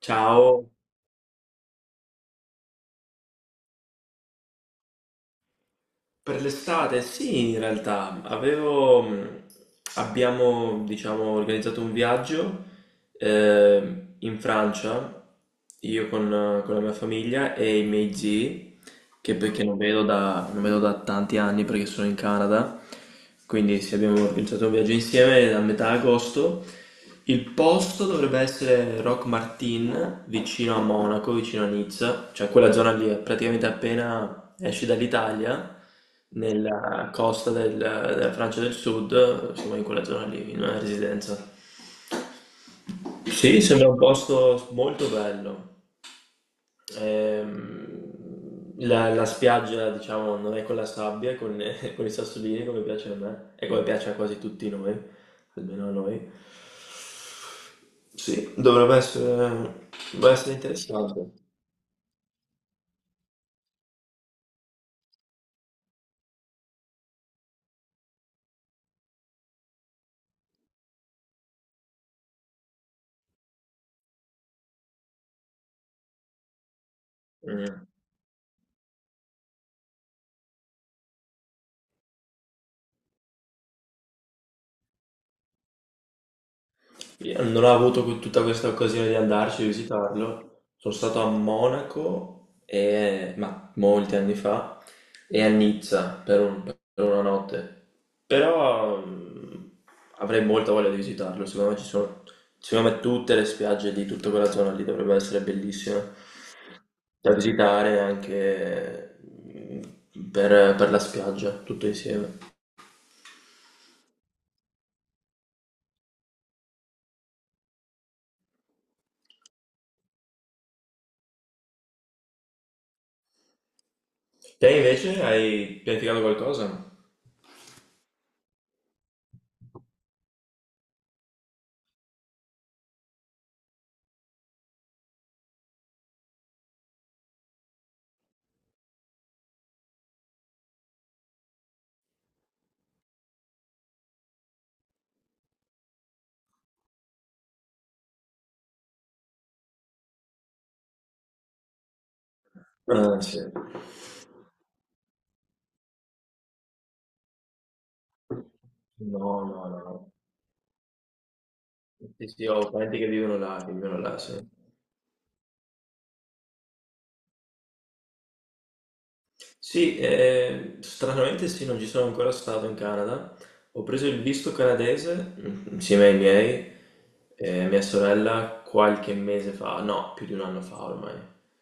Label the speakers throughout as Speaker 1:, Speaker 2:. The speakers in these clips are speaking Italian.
Speaker 1: Ciao, per l'estate? Sì, in realtà organizzato un viaggio in Francia, io con la mia famiglia e i miei zii, che perché non vedo da, non vedo da tanti anni perché sono in Canada, quindi se abbiamo organizzato un viaggio insieme a metà agosto. Il posto dovrebbe essere Rock Martin, vicino a Monaco, vicino a Nizza, cioè quella zona lì, è praticamente appena esci dall'Italia, nella costa del- della Francia del Sud, insomma in quella zona lì, in una residenza. Sì, sembra un posto molto bello. La spiaggia, diciamo, non è con la sabbia, è con è con i sassolini come piace a me e come piace a quasi tutti noi, almeno a noi. Sì, dovrebbe essere interessante. Mm. Io non ho avuto que- tutta questa occasione di andarci a visitarlo. Sono stato a Monaco, e- ma molti anni fa, e a Nizza un- per una notte. Però avrei molta voglia di visitarlo. Secondo me tutte le spiagge di tutta quella zona lì dovrebbero essere bellissime da visitare anche per la spiaggia, tutto insieme. Te invece hai pianificato qualcosa? Ah, sì. No, no, no. Sì, sì, ho parenti che vivono là, sì. Sì, stranamente sì, non ci sono ancora stato in Canada. Ho preso il visto canadese insieme ai miei, e mia sorella qualche mese fa, no, più di un anno fa ormai.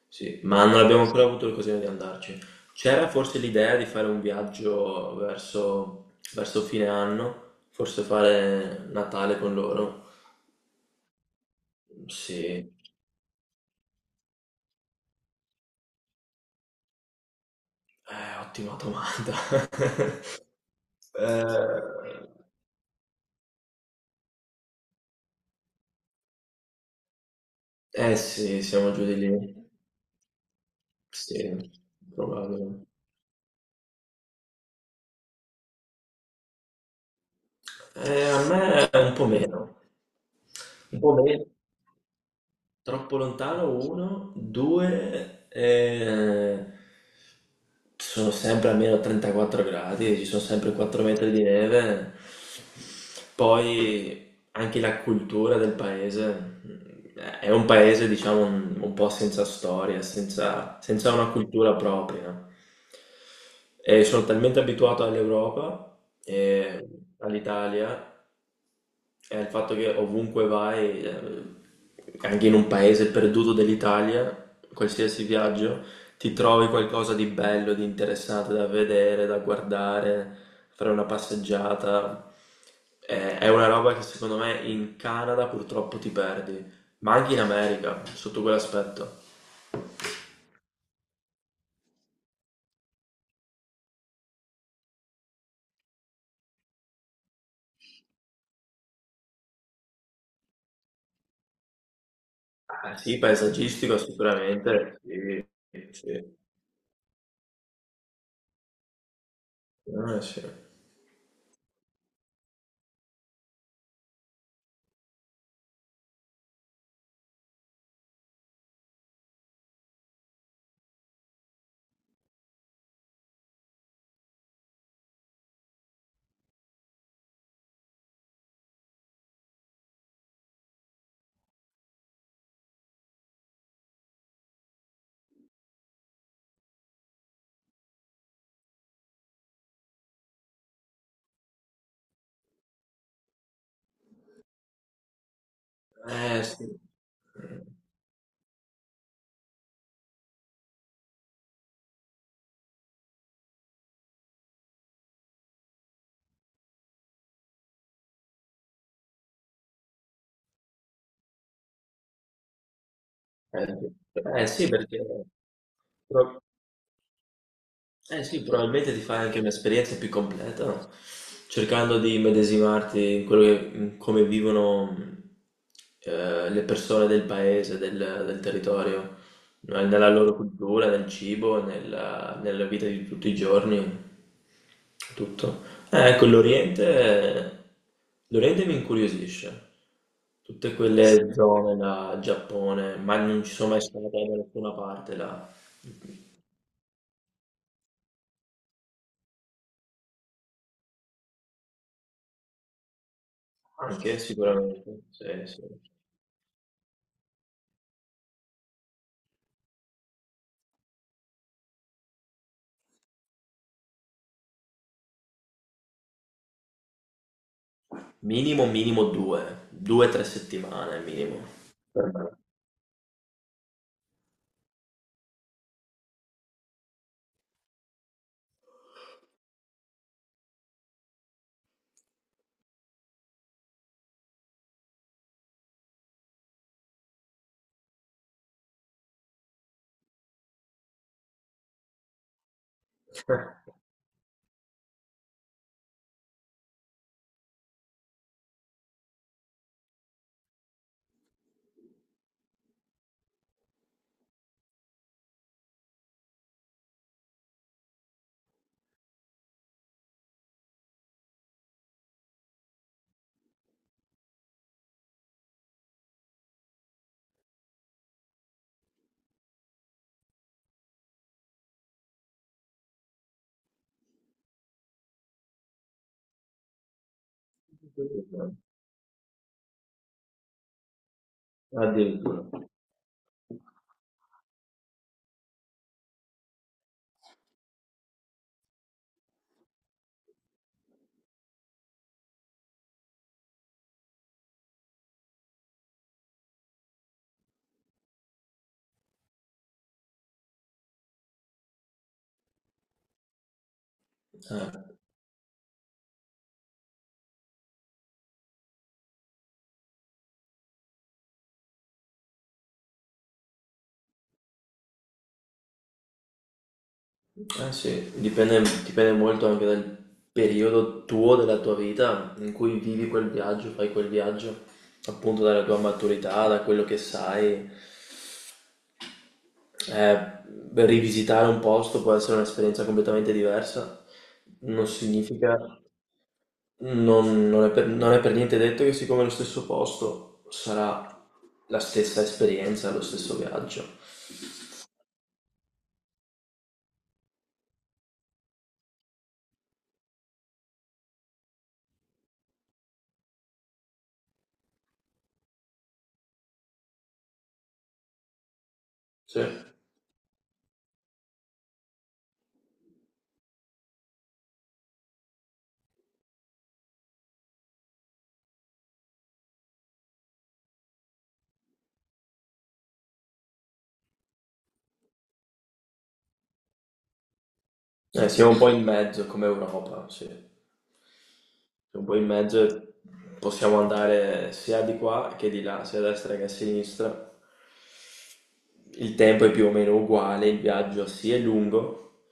Speaker 1: Sì, ma non abbiamo ancora avuto l'occasione di andarci. C'era forse l'idea di fare un viaggio verso fine anno, forse fare Natale con loro. Sì. Ottima domanda. Eh, eh sì, siamo giù di lì. Sì, probabile. A me è un po' meno. Un po' meno. Troppo lontano, uno, due, sono sempre almeno 34 gradi, ci sono sempre 4 metri di neve. Poi anche la cultura del paese. È un paese, diciamo, un po' senza storia, senza una cultura propria. E sono talmente abituato all'Europa e all'Italia è il fatto che ovunque vai, anche in un paese perduto dell'Italia, qualsiasi viaggio, ti trovi qualcosa di bello, di interessante da vedere, da guardare, fare una passeggiata. È una roba che secondo me in Canada purtroppo ti perdi, ma anche in America, sotto quell'aspetto. Ah, sì, paesaggistico sicuramente, sì, sì. Ah, sì. Eh sì. Eh, sì, perché tro- Eh sì, probabilmente ti fai anche un'esperienza più completa, no? Cercando di immedesimarti in quello che, in come vivono le persone del paese, del territorio, no? Nella loro cultura, nel cibo, nella vita di tutti i giorni, tutto. Ecco, l'Oriente mi incuriosisce. Tutte quelle zone da Giappone, ma non ci sono mai stato da nessuna parte là. Anche sicuramente, sì, sì. Minimo, minimo due, due, tre settimane minimo. Per me. Addirittura. Eh, eh sì, dipende, dipende molto anche dal periodo tuo della tua vita in cui vivi quel viaggio, fai quel viaggio, appunto dalla tua maturità, da quello che sai. Eh, rivisitare un posto può essere un'esperienza completamente diversa, non significa Non, non è per, non è per niente detto che siccome è lo stesso posto sarà la stessa esperienza, lo stesso viaggio. Sì. Siamo un po' in mezzo come Europa, sì. Siamo un po' in mezzo e possiamo andare sia di qua che di là, sia a destra che a sinistra. Il tempo è più o meno uguale, il viaggio sì è lungo.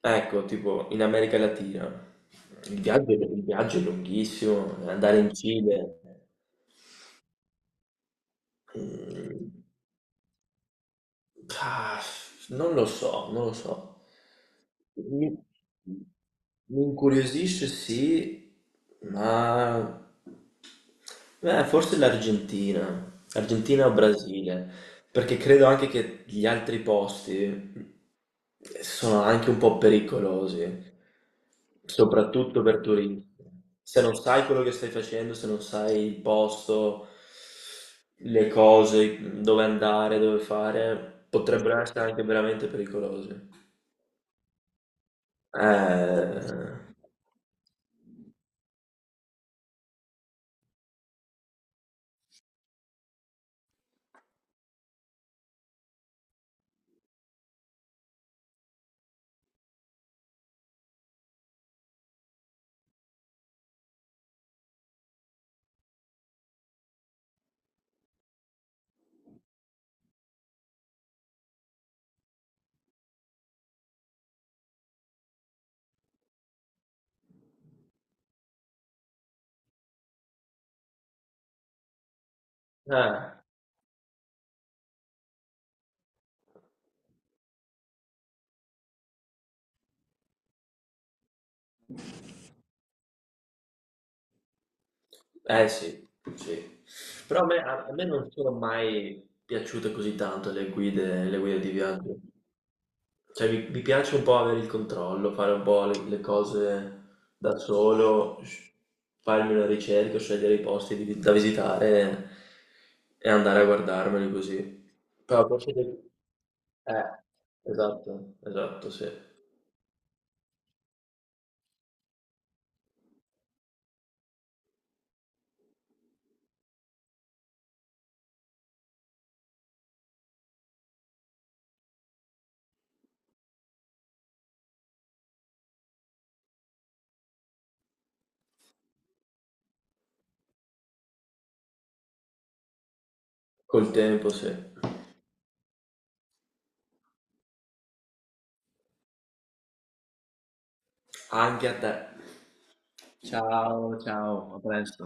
Speaker 1: Ecco, tipo in America Latina il viaggio è lunghissimo, andare in Cile. mm, Ah, non lo so, non lo so. Mi, mi incuriosisce sì, ma forse Argentina o Brasile, perché credo anche che gli altri posti sono anche un po' pericolosi, soprattutto per turisti. Se non sai quello che stai facendo, se non sai il posto, le cose, dove andare, dove fare, potrebbero essere anche veramente pericolosi. Eh, eh, eh sì, sì. Però a me non sono mai piaciute così tanto le guide di viaggio. Cioè vi piace un po' avere il controllo, fare un po' le cose da solo, s- farmi una ricerca, scegliere i posti di- da visitare e, andare a guardarmeli così. Però forse... de- Eh, esatto, esatto, sì. Col tempo, sì. Anche a te. Ciao, ciao, a presto.